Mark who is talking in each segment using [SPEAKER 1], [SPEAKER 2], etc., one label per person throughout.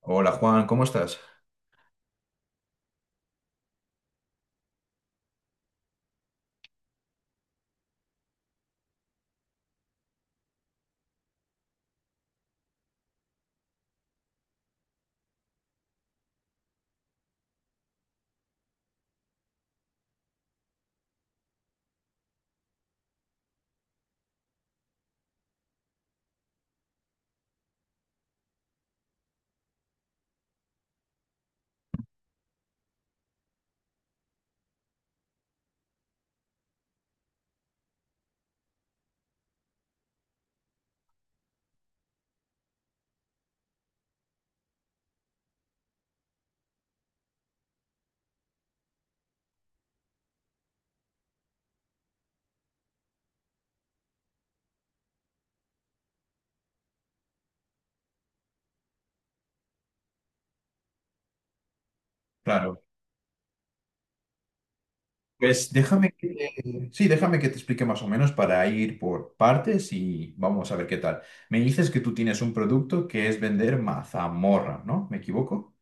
[SPEAKER 1] Hola Juan, ¿cómo estás? Claro. Pues déjame que sí, déjame que te explique más o menos para ir por partes y vamos a ver qué tal. Me dices que tú tienes un producto que es vender mazamorra, ¿no? ¿Me equivoco?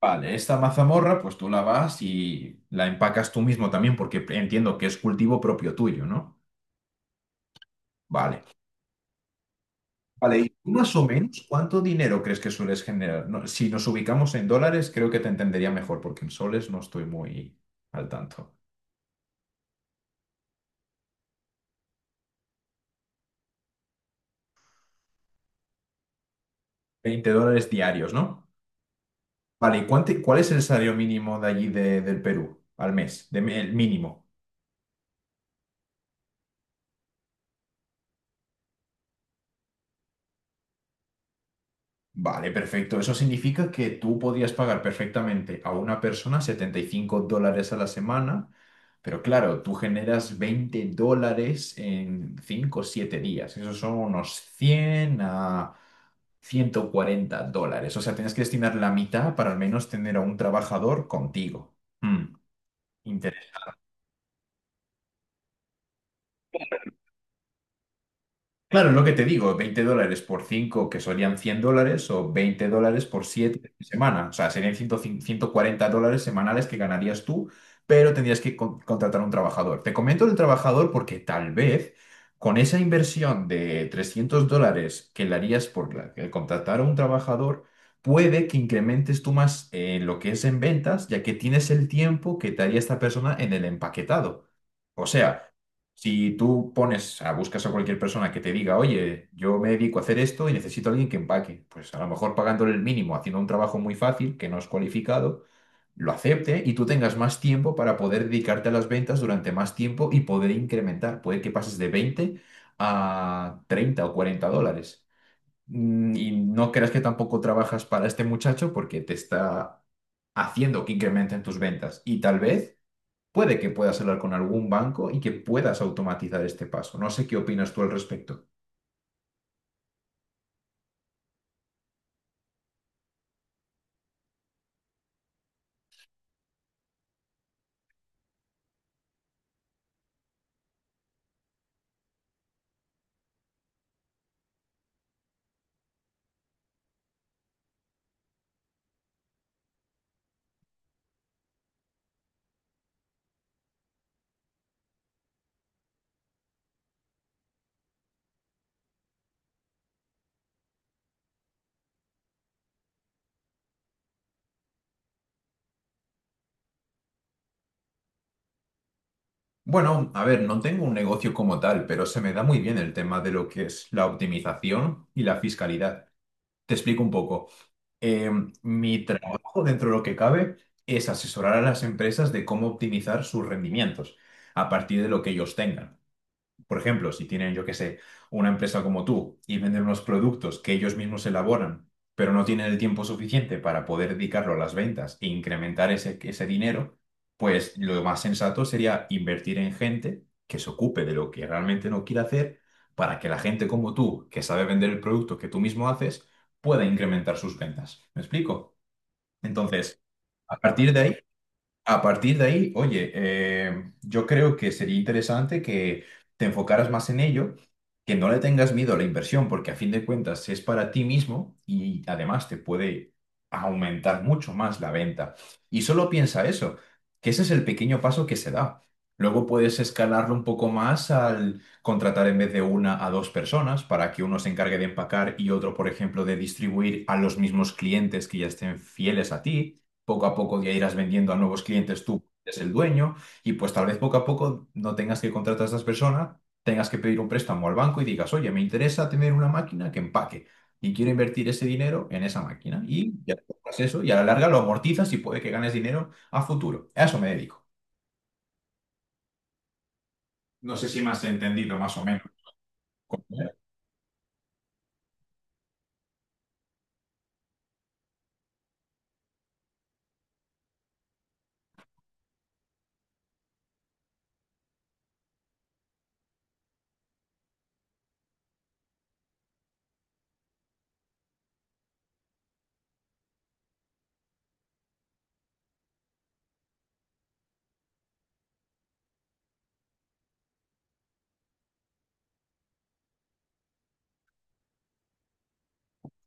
[SPEAKER 1] Vale, esta mazamorra, pues tú la vas y la empacas tú mismo también, porque entiendo que es cultivo propio tuyo, ¿no? Vale. Vale, y tú más o menos, ¿cuánto dinero crees que sueles generar? No, si nos ubicamos en dólares, creo que te entendería mejor, porque en soles no estoy muy al tanto. 20 dólares diarios, ¿no? Vale, ¿y cuál es el salario mínimo de allí del Perú al mes? El mínimo. Vale, perfecto. Eso significa que tú podrías pagar perfectamente a una persona 75 dólares a la semana, pero claro, tú generas 20 dólares en cinco o 7 días. Esos son unos 100 a 140 dólares. O sea, tienes que destinar la mitad para al menos tener a un trabajador contigo. Mm. Claro, es lo que te digo, 20 dólares por 5 que serían 100 dólares, o 20 dólares por 7 semanas. O sea, serían ciento cuarenta dólares semanales que ganarías tú, pero tendrías que contratar a un trabajador. Te comento el trabajador porque tal vez con esa inversión de 300 dólares que le harías por el contratar a un trabajador, puede que incrementes tú más lo que es en ventas, ya que tienes el tiempo que te haría esta persona en el empaquetado. O sea, si tú pones, buscas a cualquier persona que te diga, oye, yo me dedico a hacer esto y necesito a alguien que empaque, pues a lo mejor pagándole el mínimo, haciendo un trabajo muy fácil, que no es cualificado, lo acepte y tú tengas más tiempo para poder dedicarte a las ventas durante más tiempo y poder incrementar. Puede que pases de 20 a 30 o 40 dólares. Y no creas que tampoco trabajas para este muchacho porque te está haciendo que incrementen tus ventas. Y tal vez puede que puedas hablar con algún banco y que puedas automatizar este paso. No sé qué opinas tú al respecto. Bueno, a ver, no tengo un negocio como tal, pero se me da muy bien el tema de lo que es la optimización y la fiscalidad. Te explico un poco. Eh, Mi trabajo, dentro de lo que cabe, es asesorar a las empresas de cómo optimizar sus rendimientos a partir de lo que ellos tengan. Por ejemplo, si tienen, yo qué sé, una empresa como tú y venden unos productos que ellos mismos elaboran, pero no tienen el tiempo suficiente para poder dedicarlo a las ventas e incrementar ese dinero, pues lo más sensato sería invertir en gente que se ocupe de lo que realmente no quiere hacer para que la gente como tú, que sabe vender el producto que tú mismo haces, pueda incrementar sus ventas. ¿Me explico? Entonces, a partir de ahí... A partir de ahí, oye, yo creo que sería interesante que te enfocaras más en ello, que no le tengas miedo a la inversión, porque a fin de cuentas es para ti mismo y además te puede aumentar mucho más la venta. Y solo piensa eso, que ese es el pequeño paso que se da. Luego puedes escalarlo un poco más al contratar en vez de una a dos personas para que uno se encargue de empacar y otro, por ejemplo, de distribuir a los mismos clientes que ya estén fieles a ti, poco a poco ya irás vendiendo a nuevos clientes. Tú eres el dueño, y pues tal vez poco a poco no tengas que contratar a estas personas, tengas que pedir un préstamo al banco y digas, oye, me interesa tener una máquina que empaque y quiero invertir ese dinero en esa máquina. Y ya te compras eso y a la larga lo amortizas y puede que ganes dinero a futuro. A eso me dedico. No sé si me has entendido más o menos. ¿Eh?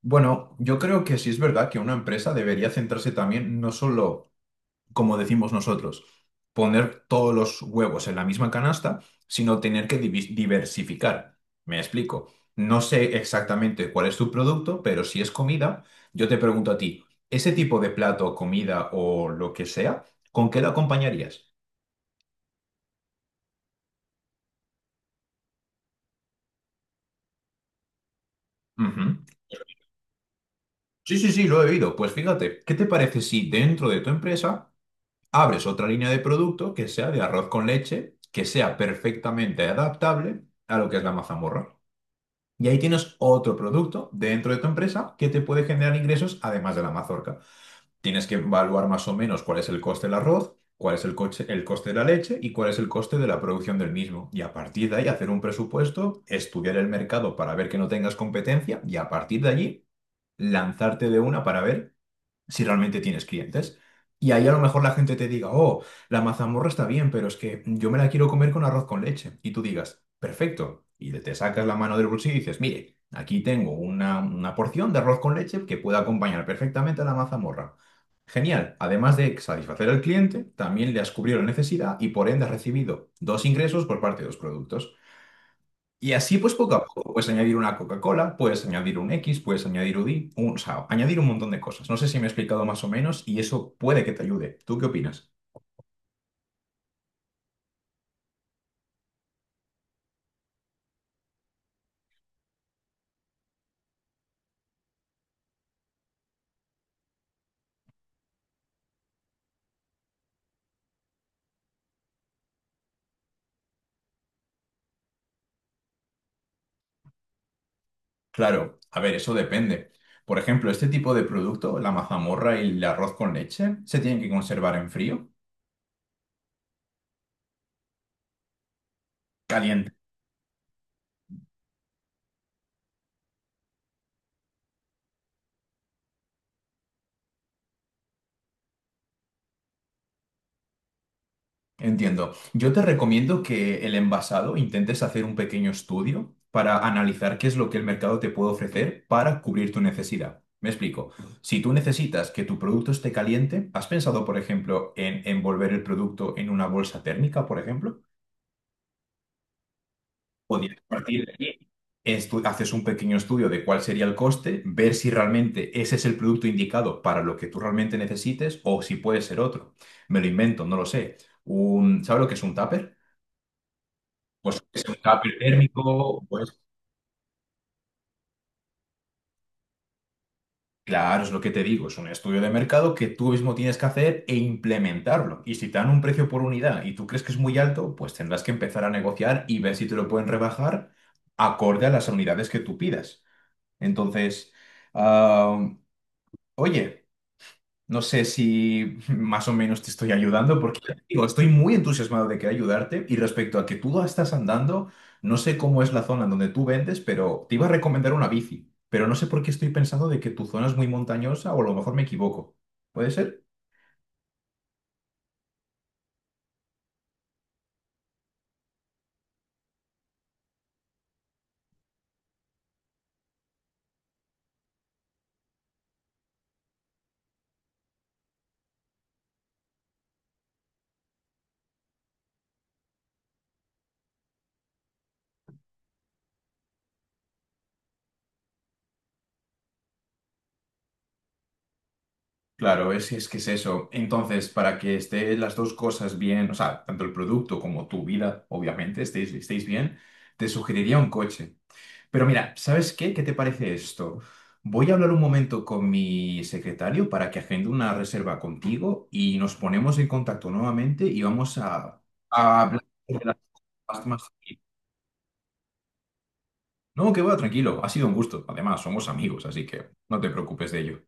[SPEAKER 1] Bueno, yo creo que sí es verdad que una empresa debería centrarse también, no solo, como decimos nosotros, poner todos los huevos en la misma canasta, sino tener que diversificar. Me explico. No sé exactamente cuál es tu producto, pero si es comida, yo te pregunto a ti, ese tipo de plato, comida o lo que sea, ¿con qué lo acompañarías? Ujú. Sí, sí, sí, lo he oído. Pues fíjate, ¿qué te parece si dentro de tu empresa abres otra línea de producto que sea de arroz con leche, que sea perfectamente adaptable a lo que es la mazamorra? Y ahí tienes otro producto dentro de tu empresa que te puede generar ingresos además de la mazorca. Tienes que evaluar más o menos cuál es el coste del arroz, cuál es el el coste de la leche y cuál es el coste de la producción del mismo. Y a partir de ahí hacer un presupuesto, estudiar el mercado para ver que no tengas competencia y a partir de allí lanzarte de una para ver si realmente tienes clientes. Y ahí a lo mejor la gente te diga, oh, la mazamorra está bien, pero es que yo me la quiero comer con arroz con leche. Y tú digas, perfecto. Y te sacas la mano del bolsillo y dices, mire, aquí tengo una porción de arroz con leche que puede acompañar perfectamente a la mazamorra. Genial. Además de satisfacer al cliente, también le has cubrido la necesidad y por ende has recibido dos ingresos por parte de los productos. Y así, pues poco a poco, puedes añadir una Coca-Cola, puedes añadir un X, puedes añadir un Y, un, o sea, añadir un montón de cosas. No sé si me he explicado más o menos y eso puede que te ayude. ¿Tú qué opinas? Claro, a ver, eso depende. Por ejemplo, este tipo de producto, la mazamorra y el arroz con leche, se tienen que conservar en frío. Entiendo. Yo te recomiendo que el envasado intentes hacer un pequeño estudio para analizar qué es lo que el mercado te puede ofrecer para cubrir tu necesidad. Me explico. Si tú necesitas que tu producto esté caliente, ¿has pensado, por ejemplo, en envolver el producto en una bolsa térmica, por ejemplo? Podrías partir de ahí. Haces un pequeño estudio de cuál sería el coste, ver si realmente ese es el producto indicado para lo que tú realmente necesites o si puede ser otro. Me lo invento, no lo sé. ¿Sabes lo que es un tupper? Pues es un cambio térmico, pues claro, es lo que te digo, es un estudio de mercado que tú mismo tienes que hacer e implementarlo. Y si te dan un precio por unidad y tú crees que es muy alto, pues tendrás que empezar a negociar y ver si te lo pueden rebajar acorde a las unidades que tú pidas. Entonces, ah, oye. No sé si más o menos te estoy ayudando, porque ya te digo, estoy muy entusiasmado de querer ayudarte. Y respecto a que tú estás andando, no sé cómo es la zona en donde tú vendes, pero te iba a recomendar una bici. Pero no sé por qué estoy pensando de que tu zona es muy montañosa o a lo mejor me equivoco. ¿Puede ser? Claro, es que es eso. Entonces, para que estén las dos cosas bien, o sea, tanto el producto como tu vida, obviamente, estéis bien, te sugeriría un coche. Pero mira, ¿sabes qué? ¿Qué te parece esto? Voy a hablar un momento con mi secretario para que agende una reserva contigo y nos ponemos en contacto nuevamente y vamos a hablar sobre las más. No, que va, tranquilo. Ha sido un gusto. Además, somos amigos, así que no te preocupes de ello.